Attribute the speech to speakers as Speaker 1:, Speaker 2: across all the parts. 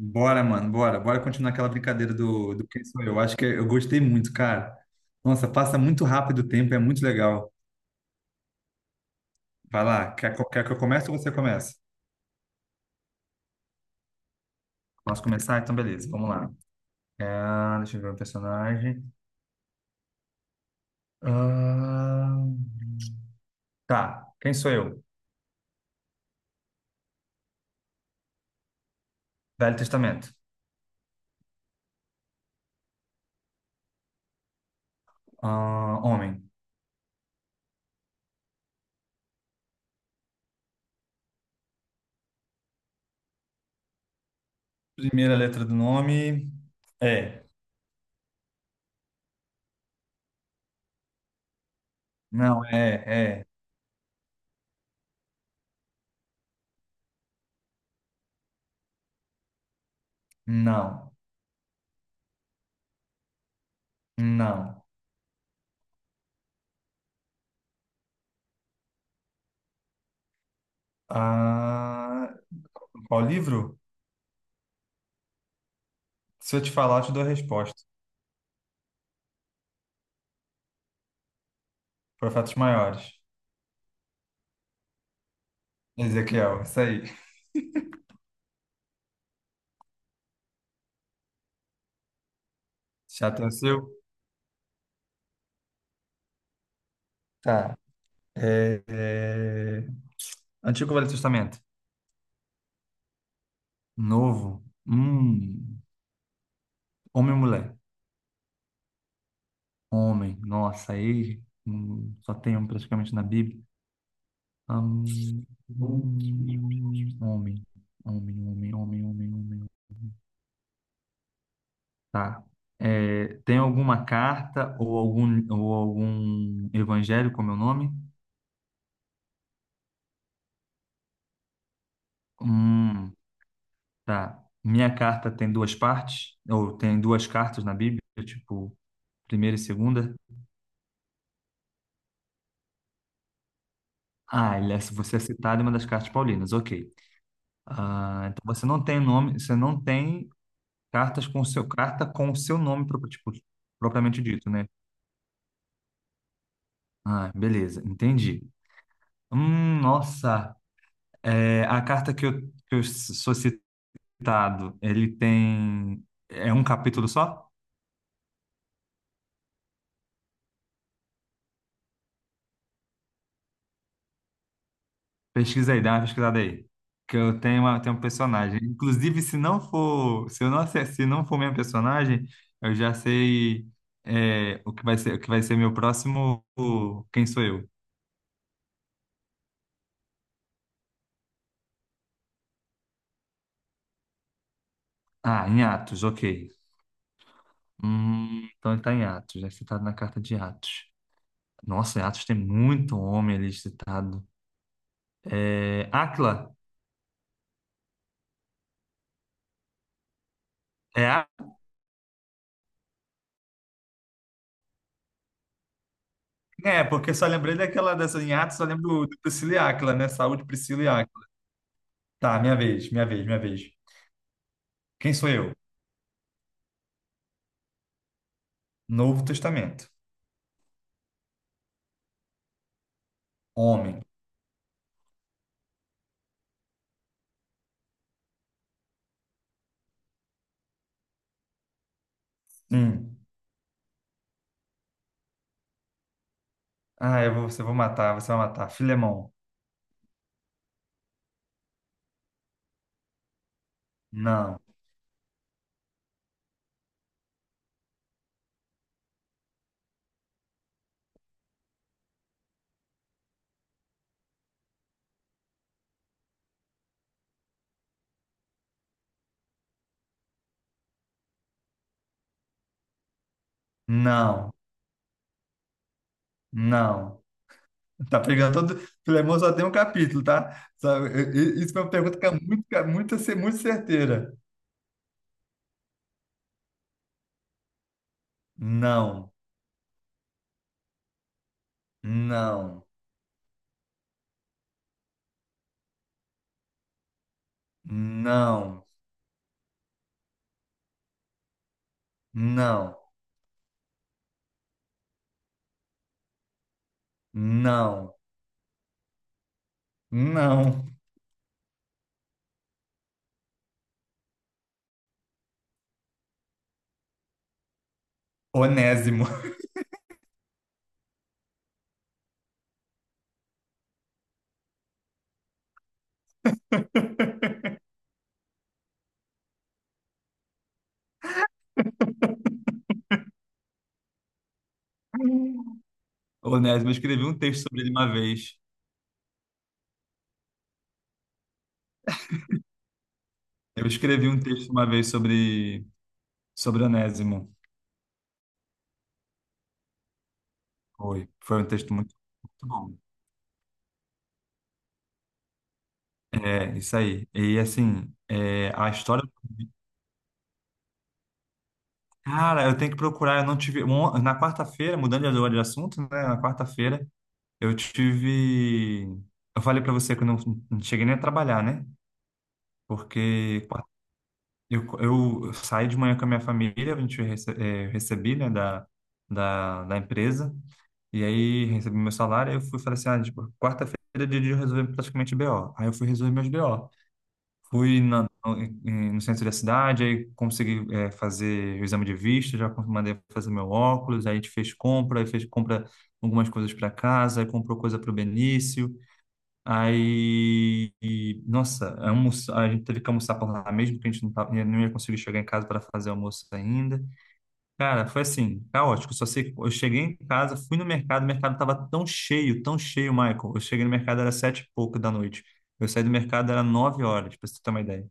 Speaker 1: Bora, mano, bora. Bora continuar aquela brincadeira do Quem Sou Eu. Acho que eu gostei muito, cara. Nossa, passa muito rápido o tempo, é muito legal. Vai lá, quer, quer que eu comece ou você começa? Posso começar? Então, beleza, vamos lá. Deixa eu ver o personagem. Ah, tá, quem sou eu? Velho Testamento. Homem. Primeira letra do nome é. Não, é, é. Não, não. Ah, Qual livro? Se eu te falar, eu te dou a resposta. Foi fatos maiores. Ezequiel, isso aí. Já tem o seu? Tá. É, é... Antigo Velho Testamento. Novo. Homem e mulher. Homem. Nossa, aí só tem um praticamente na Bíblia. Hum, Homem. Homem, homem, homem, homem, homem. Tá. É, tem alguma carta ou algum evangelho com meu nome? Hum. Tá. Minha carta tem duas partes, ou tem duas cartas na Bíblia, tipo, primeira e segunda. Você é citado em uma das cartas paulinas, ok. Ah, então você não tem nome, você não tem cartas com seu carta com o seu nome tipo, propriamente dito, né? Ah, beleza, entendi. Nossa, é, a carta que eu sou citado, ele tem é um capítulo só? Pesquisa aí, dá uma pesquisada aí. Que eu tenho, uma, tenho um personagem. Inclusive, se não for, se eu não, ace- se não for meu personagem, eu já sei é, o que vai ser, o que vai ser meu próximo. Quem sou eu? Ah, em Atos, ok. Então ele tá em Atos, é citado na carta de Atos. Nossa, em Atos tem muito homem ali citado. É, Áquila? É, Á- é, porque só lembrei daquela dessa em Atos, só lembro do Priscila e Áquila, né? Saúde, Priscila e Áquila. Tá, minha vez, minha vez, minha vez. Quem sou eu? Novo Testamento. Homem. Hum. Ah, eu vou, você vou matar, você vai matar. Filemão. Não, não, não. Tá pegando todo. Filemão só tem um capítulo, tá? Sabe, isso é uma pergunta que é muito, muito certeira. Não, não, não, não, não, não. Onésimo. Onésimo, eu escrevi um texto sobre ele uma vez. Eu escrevi um texto uma vez sobre Onésimo. Foi, foi um texto muito, muito bom. É, isso aí. E assim, é, a história. Cara, eu tenho que procurar. Eu não tive. Na quarta-feira, mudando de agora de assunto, né? Na quarta-feira, eu tive. Eu falei pra você que eu não, não cheguei nem a trabalhar, né? Porque eu saí de manhã com a minha família, a gente rece, é, recebi, né, da empresa. E aí recebi meu salário, aí eu fui e falei assim, ah, tipo, quarta-feira é dia de resolver praticamente BO. Aí eu fui resolver meus BO. Fui no centro da cidade, aí consegui fazer o exame de vista, mandei fazer meu óculos, aí a gente fez compra, aí fez compra algumas coisas para casa, aí comprou coisa para o Benício, aí, e, nossa, almoço, a gente teve que almoçar por lá mesmo, porque a gente não, tava, não ia conseguir chegar em casa para fazer almoço ainda. Cara, foi assim, caótico, só sei, que eu cheguei em casa, fui no mercado, o mercado estava tão cheio, Michael, eu cheguei no mercado, era 7 e pouco da noite. Eu saí do mercado, era 9 horas, para você ter uma ideia.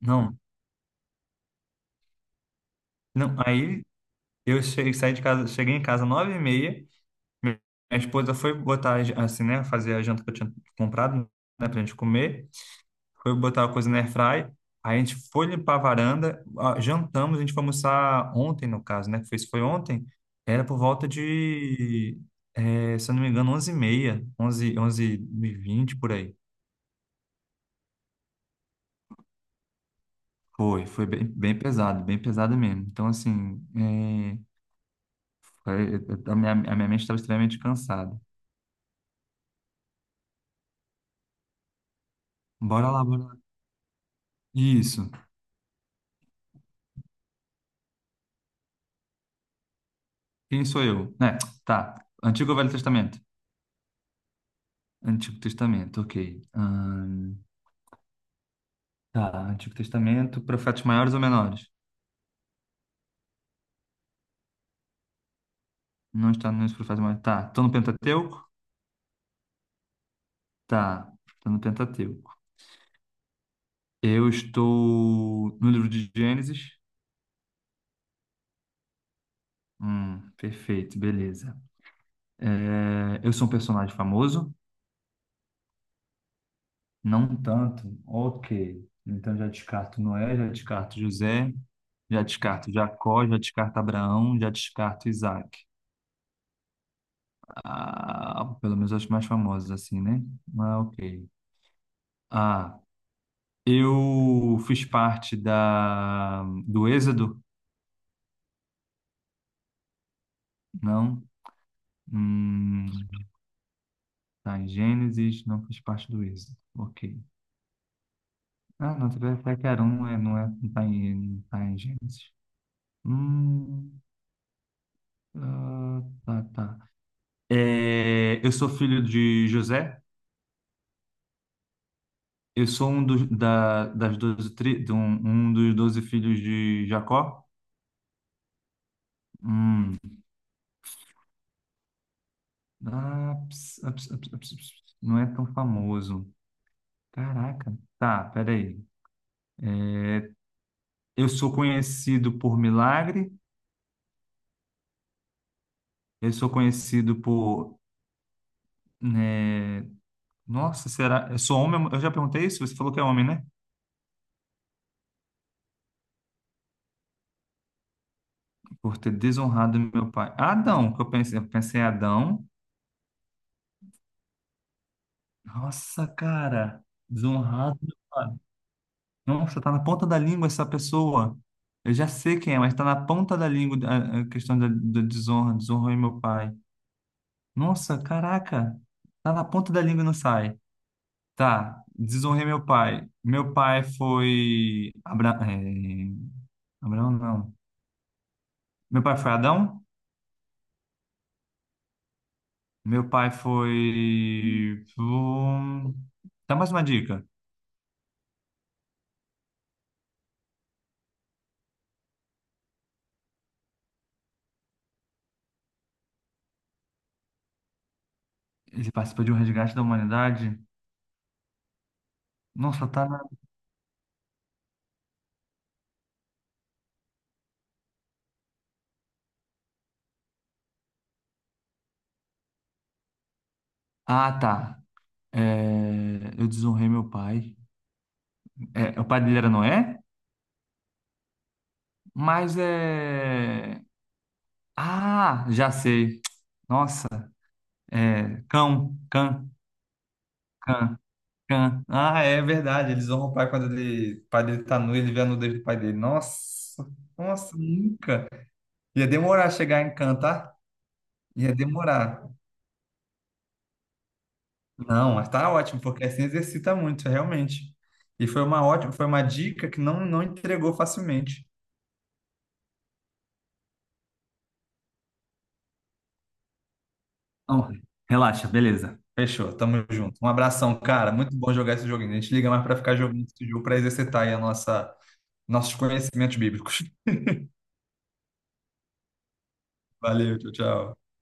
Speaker 1: Não, não. Aí eu cheguei, saí de casa, cheguei em casa 9 e meia. Minha esposa foi botar assim, né, fazer a janta que eu tinha comprado, né, pra gente comer. Foi botar a coisa na airfry. Aí a gente foi limpar a varanda, ah, jantamos, a gente foi almoçar ontem, no caso, né? que Foi isso foi ontem. Era por volta de se eu não me engano, 11 e meia, 11, 11 e vinte por aí. Foi, foi bem, bem pesado mesmo. Então, assim, a minha mente estava extremamente cansada. Bora lá, bora lá. Isso. Quem sou eu? Né? Tá. Antigo ou Velho Testamento? Antigo Testamento, ok. Tá. Antigo Testamento, profetas maiores ou menores? Não está nos profetas maiores. Tá. Estou no Pentateuco? Tá. Estou no Pentateuco. Eu estou no livro de Gênesis? Perfeito, beleza. É, eu sou um personagem famoso? Não tanto. Ok. Então já descarto Noé, já descarto José. Já descarto Jacó, já descarto Abraão, já descarto Isaac. Ah, pelo menos as mais famosas, assim, né? Ah, ok. Ah, eu fiz parte do Êxodo? Não. Hum, tá em Gênesis, não fiz parte do Êxodo. Ok. Ah, não, Tepequarão não é, não é, não tá em, não tá em Gênesis. Hum, ah, tá, tá. É, eu sou filho de José. Eu sou um dos, da, das 12 tri, de um, um dos 12 filhos de Jacó. Hum, Ah, não é tão famoso. Caraca. Tá, peraí. Eu sou conhecido por milagre. Eu sou conhecido por, né, Nossa, será? Eu sou homem? Eu já perguntei isso. Você falou que é homem, né? Por ter desonrado meu pai. Adão, que eu pensei. Eu pensei em Adão. Nossa, cara. Desonrado meu pai. Nossa, tá na ponta da língua essa pessoa. Eu já sei quem é, mas tá na ponta da língua a questão da desonra. Desonrou meu pai. Nossa, caraca, tá na ponta da língua e não sai. Tá, desonrei meu pai. Meu pai foi. É, Abraão, não. Meu pai foi Adão? Meu pai foi. Dá mais uma dica. Ele participou de um resgate da humanidade? Nossa, tá na. Ah, tá. É, eu desonrei meu pai. É, o pai dele era Noé? Mas é. Ah, já sei. Nossa, é. Cão, cão. Cã. Cã. Ah, é verdade. Eles honram o pai quando ele, o pai dele tá nu, ele vê a nudez do pai dele. Nossa, nossa, nunca. Ia demorar chegar em Cã, tá? Ia demorar. Não, mas tá ótimo, porque assim exercita muito, realmente. E foi uma ótima, foi uma dica que não, não entregou facilmente. Não, relaxa, beleza. Fechou, tamo junto. Um abração, cara. Muito bom jogar esse joguinho. A gente liga mais pra ficar jogando esse jogo pra exercitar aí nossos conhecimentos bíblicos. Valeu, tchau, tchau.